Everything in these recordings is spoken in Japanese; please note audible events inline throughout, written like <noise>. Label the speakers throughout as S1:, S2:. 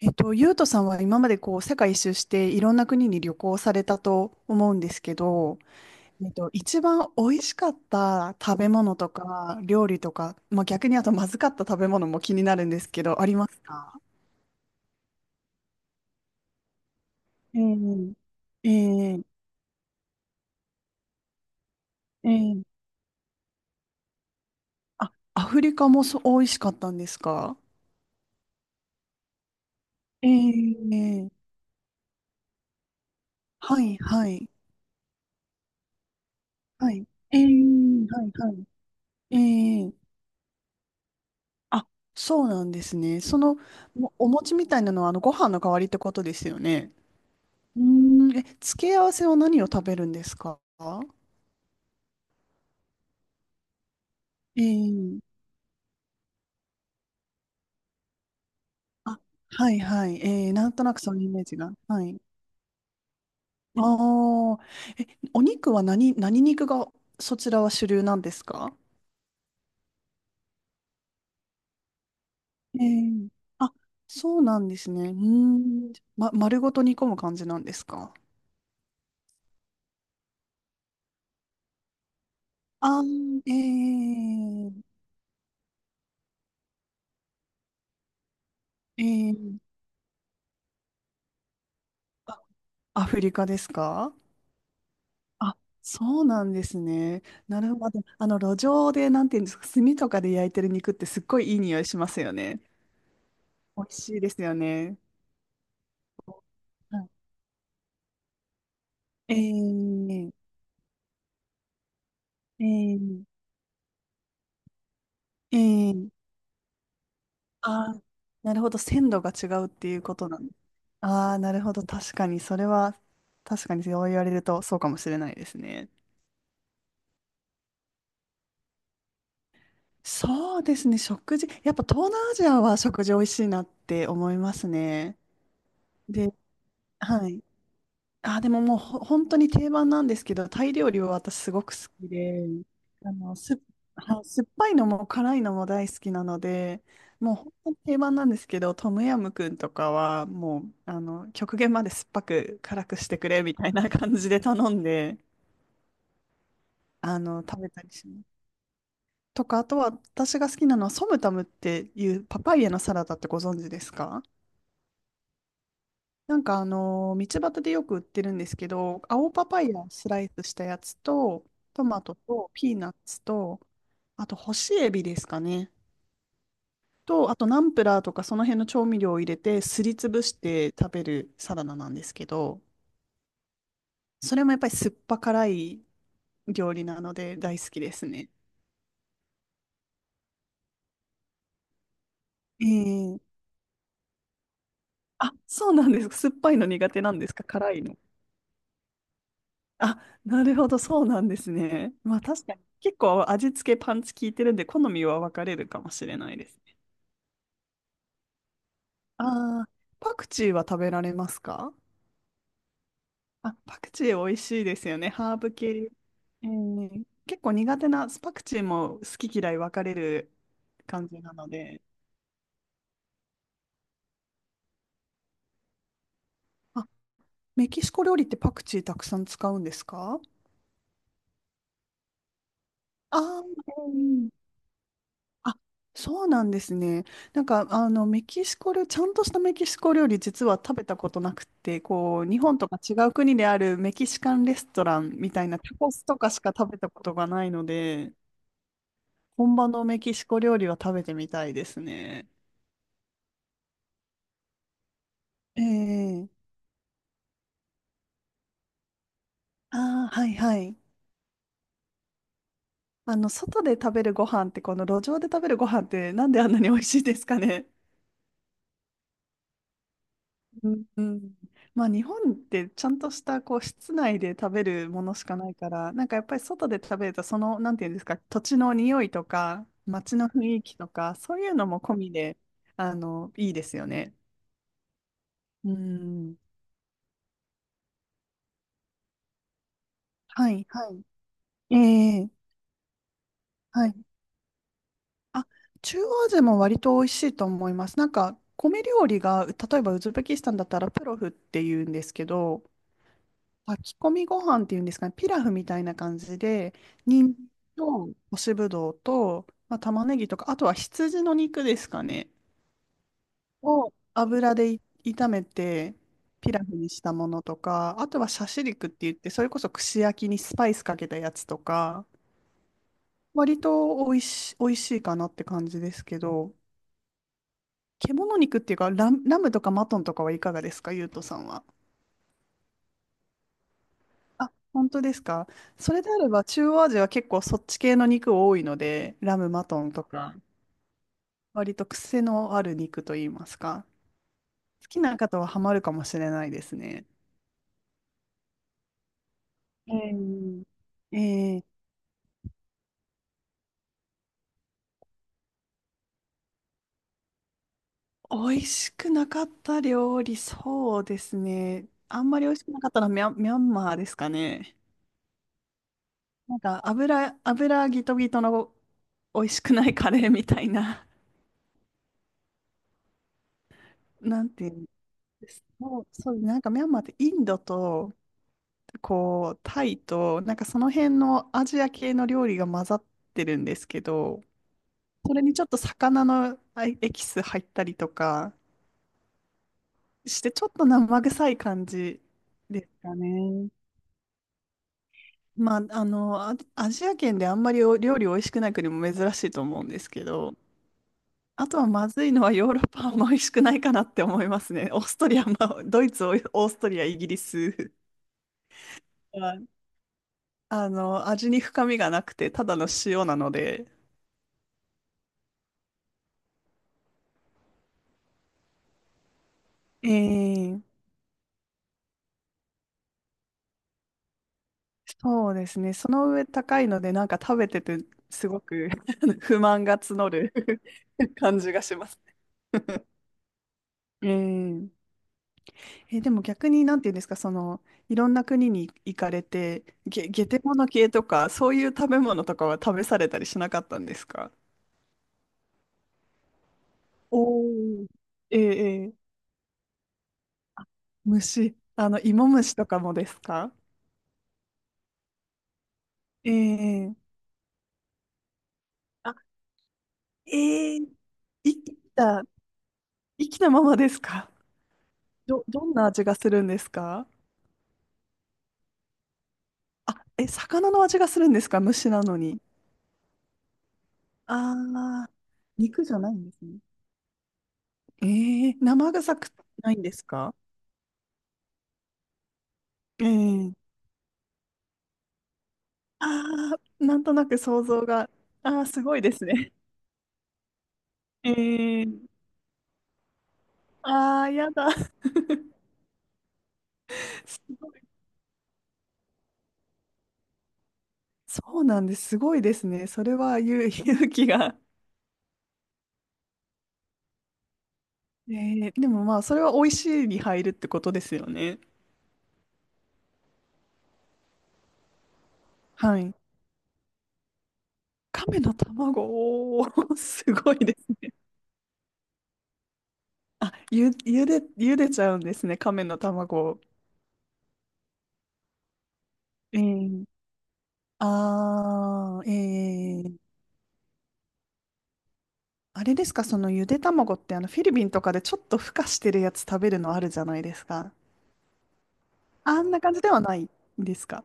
S1: ゆうとさんは今までこう世界一周していろんな国に旅行されたと思うんですけど、一番美味しかった食べ物とか料理とか、まあ、逆にあとまずかった食べ物も気になるんですけど、ありますか？ええ。ええ。ええ。あ、アフリカもそう美味しかったんですか？ええ。はいはい。はい。ええ。はいはい。ええ。あ、そうなんですね。その、もお餅みたいなのは、あの、ご飯の代わりってことですよね。うーん、え、付け合わせは何を食べるんですか？ええ。あ、はいはい。ええ、なんとなくそのイメージが。はい。ああ、え、お肉は何肉がそちらは主流なんですか？ええ。あ、そうなんですね。うーん。ま、丸ごと煮込む感じなんですか？ああー。ええ。ええ。あ、アフリカですか？あ、そうなんですね。なるほど。路上で、なんていうんですか、炭とかで焼いてる肉ってすっごいいい匂いしますよね。美味しいですよね。はい。えー、えー、えー、あー、なるほど。鮮度が違うっていうことなんです。ああ、なるほど。確かに、それは、確かにそう言われるとそうかもしれないですね。そうですね。食事、やっぱ東南アジアは食事美味しいなって思いますね。で、はい。あ、でももう本当に定番なんですけど、タイ料理は私すごく好きで、あの、す、はい、酸っぱいのも辛いのも大好きなので、もう本当に定番なんですけど、トムヤムクンとかはもう、極限まで酸っぱく辛くしてくれみたいな感じで頼んで、食べたりします。とか、あとは私が好きなのはソムタムっていうパパイヤのサラダってご存知ですか？道端でよく売ってるんですけど、青パパイヤをスライスしたやつと、トマトとピーナッツと、あと干しエビですかね。と、あとナンプラーとかその辺の調味料を入れてすりつぶして食べるサラダなんですけど、それもやっぱり酸っぱ辛い料理なので大好きですね。えー、あ、そうなんですか。酸っぱいの苦手なんですか、辛いの。あ、なるほど、そうなんですね。まあ確かに、結構味付けパンチ効いてるんで、好みは分かれるかもしれないですね。ああ、パクチーは食べられますか？あ、パクチー美味しいですよね、ハーブ系。結構苦手な、パクチーも好き嫌い分かれる感じなので。あ、メキシコ料理ってパクチーたくさん使うんですか？ああー、あ、そうなんですね。メキシコ料、ちゃんとしたメキシコ料理、実は食べたことなくて、こう、日本とか違う国であるメキシカンレストランみたいなタコスとかしか食べたことがないので、本場のメキシコ料理は食べてみたいですね。ええ。ああー、はいはい。外で食べるご飯って、この路上で食べるご飯って、なんであんなに美味しいですかね。うんうん。まあ、日本ってちゃんとしたこう室内で食べるものしかないから、やっぱり外で食べると、なんていうんですか、土地の匂いとか、街の雰囲気とか、そういうのも込みで、いいですよね。うん。はい、はい。ええ、はい。あ、中央アジアも割と美味しいと思います。米料理が、例えばウズベキスタンだったらプロフっていうんですけど、炊き込みご飯っていうんですかね、ピラフみたいな感じで、人参と干しぶどうと、まあ、玉ねぎとか、あとは羊の肉ですかね、を油で炒めて、ピラフにしたものとか、あとはシャシ肉って言って、それこそ串焼きにスパイスかけたやつとか、割と美味しいかなって感じですけど、獣肉っていうか、ラムとかマトンとかはいかがですか、ゆうとさんは。あ、本当ですか。それであれば、中央アジアは結構そっち系の肉多いので、ラムマトンとか、割と癖のある肉といいますか、好きな方はハマるかもしれないですね。えええ美味しくなかった料理、そうですね。あんまり美味しくなかったのはミャンマーですかね。油ギトギトの美味しくないカレーみたいな、なんていうんです。もう、そう、ミャンマーってインドとタイと、その辺のアジア系の料理が混ざってるんですけど、それにちょっと魚のエキス入ったりとかして、ちょっと生臭い感じですかね。まあ、アジア圏であんまりお料理美味しくない国も珍しいと思うんですけど、あとはまずいのはヨーロッパも美味しくないかなって思いますね。<laughs> オーストリアも、ドイツ、オーストリア、イギリスは、味に深みがなくて、ただの塩なので。ええ。そうですね。その上高いので、食べてて、すごく <laughs> 不満が募る <laughs> 感じがします。えうえでも逆に、なんていうんですか、いろんな国に行かれて、ゲテモノ系とか、そういう食べ物とかは食べされたりしなかったんですか？おー。えええー虫、芋虫とかもですか？ええ。あ、ええ、生きた、生きたままですか？どんな味がするんですか？あ、え、魚の味がするんですか、虫なのに。ああ、肉じゃないんですね。ええ、生臭くないんですか？ええ。ああ、なんとなく想像が。ああ、すごいですね。ええ。ああ、やだ。<laughs> すごい。そうなんです。すごいですね。それは勇気が。ええ。でもまあ、それは美味しいに入るってことですよね。はい。亀の卵、おー。 <laughs> すごいですね。あ、ゆでちゃうんですね。亀の卵を。ええ。ああ。ええ。あれですか、そのゆで卵ってあのフィリピンとかでちょっと孵化してるやつ食べるのあるじゃないですか。あんな感じではないですか。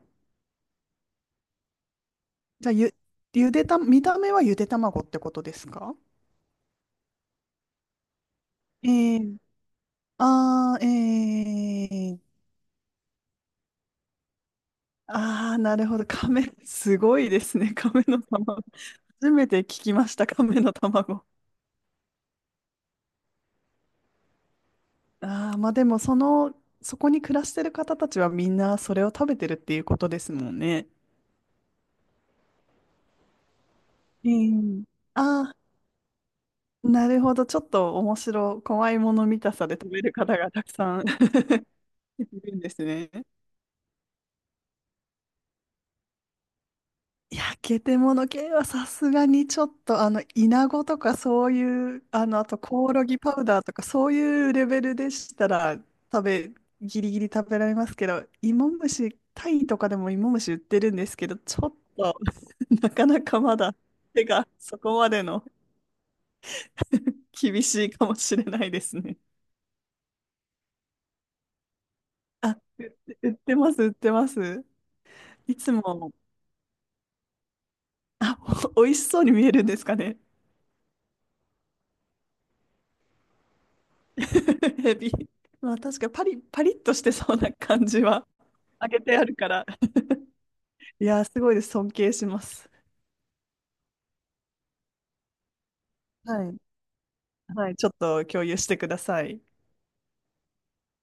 S1: じゃあ、ゆでた、見た目はゆで卵ってことですか？ええ。ああー。ええ。ああ、なるほど。亀、すごいですね。亀の卵。初めて聞きました、亀の卵。ああ、まあでも、そこに暮らしてる方たちはみんなそれを食べてるっていうことですもんね。ええ。ああ、なるほど。ちょっと怖いもの見たさで食べる方がたくさん <laughs> いるんですね。焼けてもの系はさすがにちょっと、イナゴとかそういう、あとコオロギパウダーとかそういうレベルでしたら、食べ、ギリギリ食べられますけど、芋虫、タイとかでも芋虫売ってるんですけど、ちょっと <laughs> なかなかまだ手がそこまでの <laughs> 厳しいかもしれないですね。あ、売ってます、売ってます。いつも、あ、お美味しそうに見えるんですかね。<laughs> ヘビ。まあ確かパリッとしてそうな感じは、揚げてあるから。いやー、すごいです。尊敬します。はい。はい、ちょっと共有してください。